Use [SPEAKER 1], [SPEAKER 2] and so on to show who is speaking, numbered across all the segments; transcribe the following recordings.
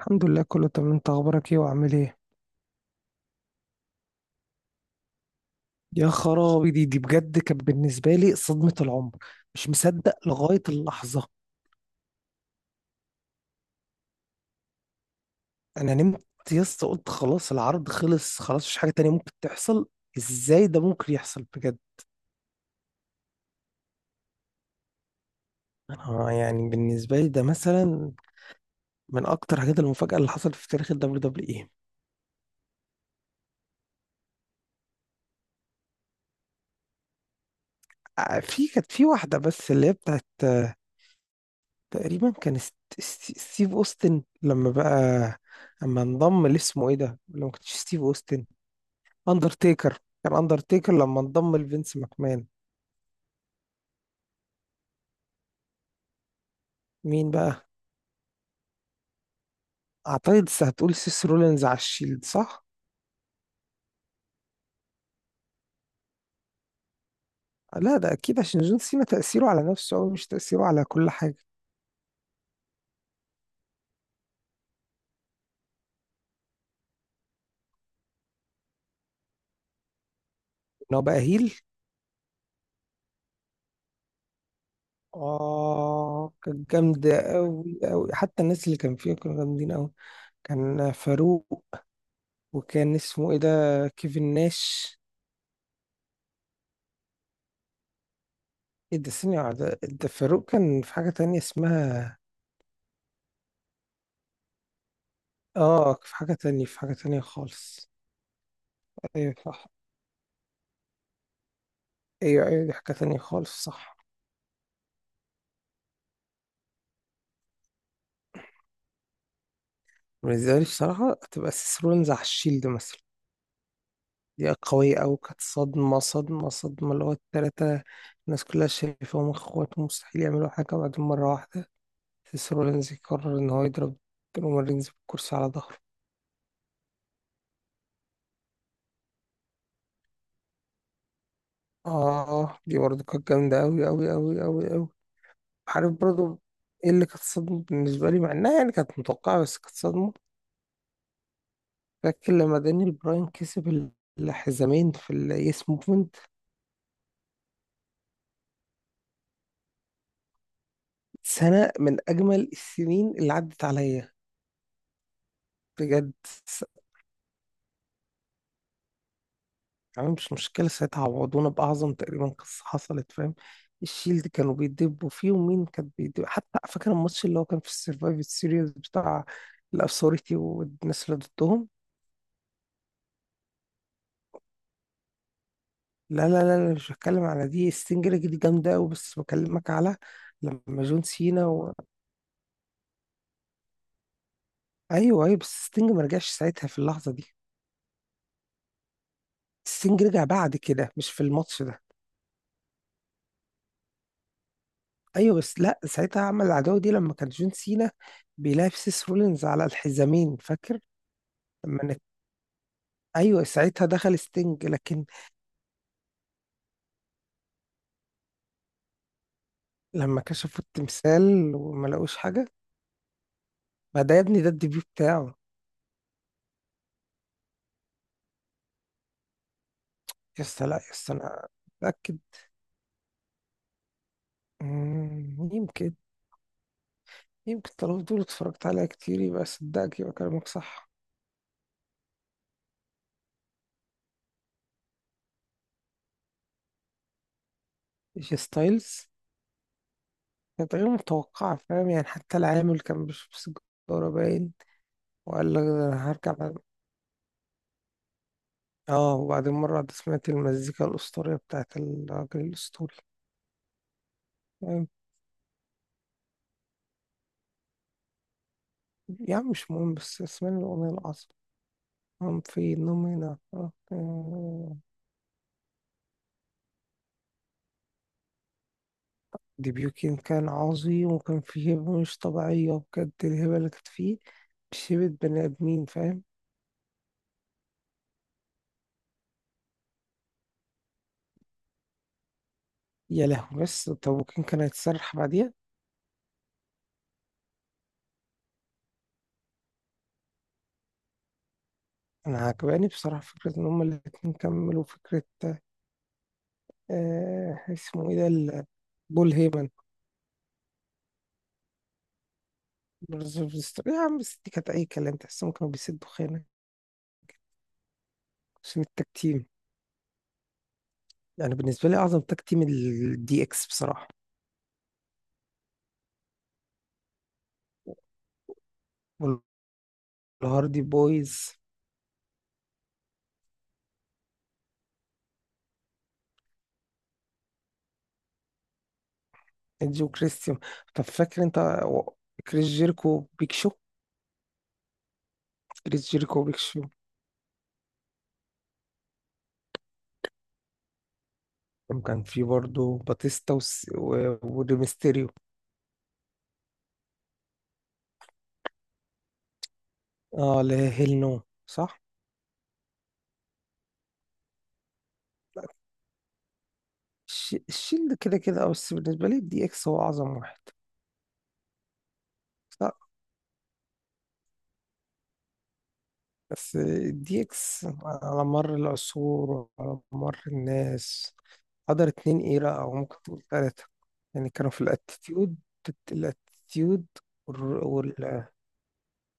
[SPEAKER 1] الحمد لله، كله تمام. انت اخبارك ايه وعامل ايه؟ يا خرابي، دي بجد كانت بالنسبه لي صدمه العمر. مش مصدق لغايه اللحظه. انا نمت. يا اسطى قلت خلاص، العرض خلص. خلاص، مش حاجه تانية ممكن تحصل. ازاي ده ممكن يحصل بجد؟ انا يعني بالنسبه لي ده مثلا من اكتر حاجات المفاجاه اللي حصلت في تاريخ الدبليو دبليو اي. اه، في كانت في واحده بس اللي هي بتاعت، تقريبا كان ستيف اوستن لما بقى، اما انضم، اللي اسمه ايه ده، لو ما كانش ستيف اوستن، اندرتيكر. كان اندرتيكر لما انضم لفينس ماكمان. مين بقى؟ اعتقد هتقول سيس رولينز على الشيلد، صح؟ لا ده اكيد عشان جون سينا تأثيره على نفسه أوي، مش تأثيره على كل حاجة. ان هو بقى هيل. اه، كان جامد أوي أوي، حتى الناس اللي كان فيها كانوا جامدين أوي. كان فاروق، وكان اسمه ايه ده، كيفن ناش. ايه ده؟ ثانية ده فاروق كان في حاجة تانية اسمها، اه، في حاجة تانية، في حاجة تانية خالص. ايوه صح. ايوه ايوه، دي حاجة تانية خالص، صح. بالنسبة لي بصراحة هتبقى سيسرونز على الشيلد مثلا. دي قوية أوي، كانت صدمة صدمة صدمة، اللي هو التلاتة. الناس كلها شايفاهم اخوات، مستحيل يعملوا حاجة، بعدين مرة واحدة سيسرونز يقرر إن هو يضرب رومارينز بالكرسي على ظهره. اه، دي برضه كانت جامدة أوي أوي أوي أوي أوي. عارف برضه، ايه اللي كانت صدمة بالنسبة لي مع إنها يعني كانت متوقعة بس كانت صدمة؟ فاكر لما دانيال براين كسب الحزامين في اليس موفمنت؟ سنة من أجمل السنين اللي عدت عليا. بجد. س- أنا مش مشكلة ساعتها، عوضونا بأعظم تقريبا قصة حصلت، فاهم؟ الشيلد كانوا بيدبوا فيه، ومين كان بيدب؟ حتى فاكر الماتش اللي هو كان في السرفايف سيريز بتاع الأثوريتي والناس اللي ضدهم. لا لا لا لا، مش بتكلم على دي. ستينج دي جامدة أوي، بس بكلمك على لما جون سينا أيوه أيوه، بس ستينج ما رجعش ساعتها في اللحظة دي. ستينج رجع بعد كده، مش في الماتش ده. ايوه بس لا، ساعتها عمل العداوه دي لما كان جون سينا بيلعب سيس رولينز على الحزامين، فاكر؟ لما نت... ايوه ساعتها دخل ستينج، لكن لما كشفوا التمثال وما لقوش حاجه. ما ده يا ابني ده الديبيو بتاعه. يس لا يس، انا متاكد. يمكن. يمكن، طالما دول اتفرجت عليها كتير، يبقى صدقك، يبقى كلامك صح. جي ستايلز. كانت غير متوقعة، فاهم؟ يعني حتى العامل كان بيشرب سيجارة باين، وقال لك أنا هرجع. اه، وبعدين مرة واحدة سمعت المزيكا الأسطورية بتاعت الراجل الأسطوري. يعني. يعني مش مهم، بس اسمعني الأغنية العظيمة. هم في نومينا، آه، آه. ديبيوكين كان عظيم، وكان فيه هبة مش طبيعية، بجد الهبة اللي كانت فيه مش هبة بني آدمين، فاهم؟ يا لهوي، بس طب وكان كان هيتسرح بعديها؟ أنا عجباني بصراحة فكرة إن هما الاتنين كملوا فكرة. اسمه إيه ده، بول هيمن. يا عم بس دي كانت أي كلام، تحسهم كانوا بيسدوا خانة عشان التاك تيم. يعني بالنسبة لي أعظم تاك تيم الدي إكس، بصراحة. والهاردي بويز. إيدج وكريستيان. طب فاكر أنت و- كريس جيركو وبيك شو؟ كريس جيركو وبيك شو. وكان في برضه باتيستا وريمستيريو. اه لا، هيل نو، صح؟ الشيلد كده كده، بس بالنسبة لي الدي إكس هو أعظم واحد. لا، بس الدي إكس على مر العصور وعلى مر الناس حضر اتنين، ايه لا، او ممكن تقول تلاتة. يعني كانوا في الاتيتيود، الاتيتيود، وال،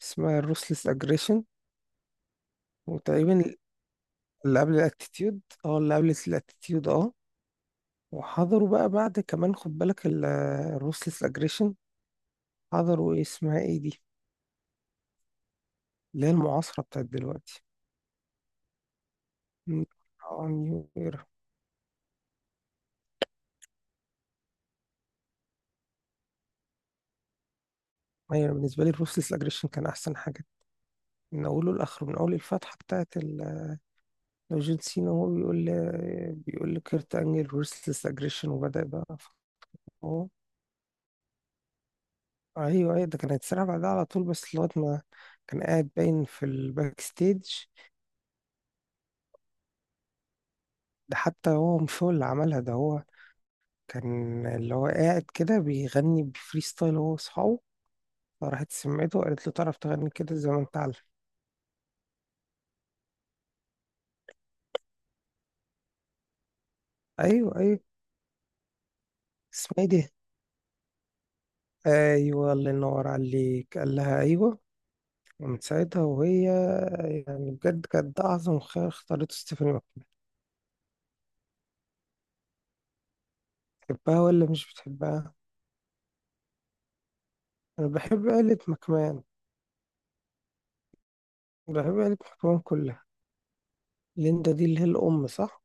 [SPEAKER 1] اسمها الروسلس اجريشن. وتقريبا اللي قبل الاتيتيود، اللي قبل الاتيتيود، وحضروا بقى بعد كمان، خد بالك، الروسلس اجريشن. حضروا ايه اسمها ايه دي، اللي هي المعاصرة بتاعت دلوقتي؟ م- اه، نيو ايرا. ايوه بالنسبة لي الروسلس اجريشن كان احسن حاجة من اوله لاخره، من اول الفتحة بتاعت لو جون سينا هو بيقول، بيقول لكيرت انجل ورثلس اجريشن وبدأ بقى. هو ايوه ايوه، ده كان هيتسرع بعدها على طول، بس لغايه ما كان قاعد باين في الباك ستيج. ده حتى هو مش هو اللي عملها، ده هو كان اللي هو قاعد كده بيغني بفري ستايل هو واصحابه، فراحت سمعته وقالت له تعرف تغني كده زي ما انت عارف. ايوه ايوه. اسمها ايه دي؟ ايوه الله ينور عليك، قال لها ايوه. ومن ساعتها وهي، يعني بجد، كانت ده اعظم خيار اختارته ستيفاني. بتحبها ولا مش بتحبها؟ انا بحب آلة مكمان، بحب آلة مكمان كلها. ليندا دي اللي هي الام، صح؟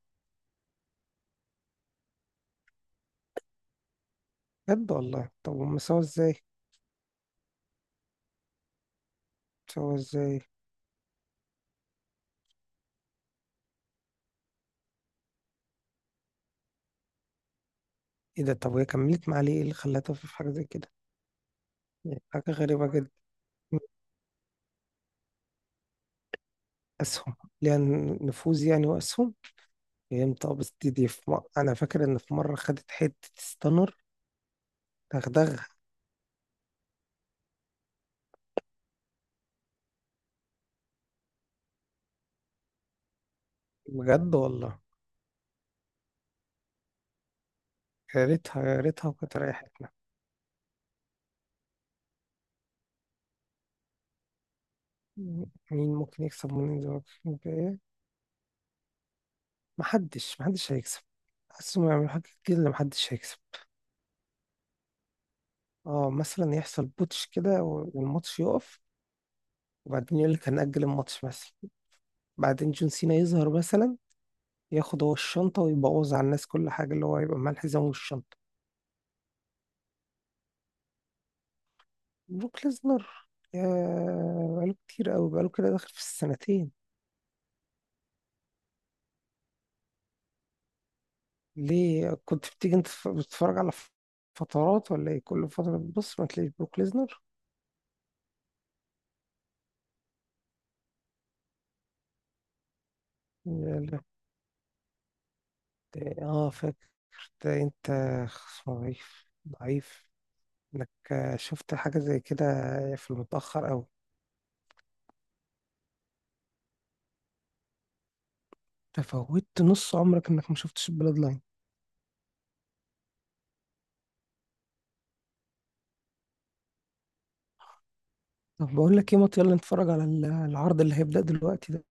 [SPEAKER 1] بجد والله؟ طب هم سوا ازاي؟ سوا ازاي؟ ايه ده؟ طب وهي كملت مع ليه؟ ايه اللي خلاها تقف في حاجه زي كده؟ يعني حاجه غريبه جدا. اسهم. ليها. نفوذ يعني واسهم. فهمت. اه بس دي في انا فاكر ان في مره خدت حته ستانر، دغدغها. بجد والله. يا ريتها يا ريتها، وكانت ريحتنا. مين ممكن يكسب من دلوقتي؟ محدش، محدش هيكسب. حاسس انه يعملوا حاجة كده اللي محدش هيكسب. اه مثلا يحصل بوتش كده والماتش يقف، وبعدين يقول لك هنأجل الماتش مثلا، بعدين جون سينا يظهر مثلا، ياخد هو الشنطة ويبوظ على الناس كل حاجة، اللي هو يبقى معاه الحزام والشنطة. بروك ليزنر. يا. بقاله كتير قوي، بقاله كده داخل في السنتين. ليه كنت بتيجي انت بتتفرج على فترات ولا ايه؟ كل فترة بتبص ما تلاقيش بروك ليزنر. اه فاكر. انت ضعيف ضعيف انك شفت حاجة زي كده في المتأخر أوي. تفوتت نص عمرك انك ما شفتش البلاد لاين. طب بقول لك ايه مات، يلا نتفرج على العرض اللي هيبدأ دلوقتي ده.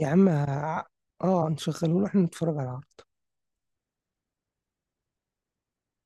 [SPEAKER 1] يا عم اه نشغله له احنا، نتفرج على العرض.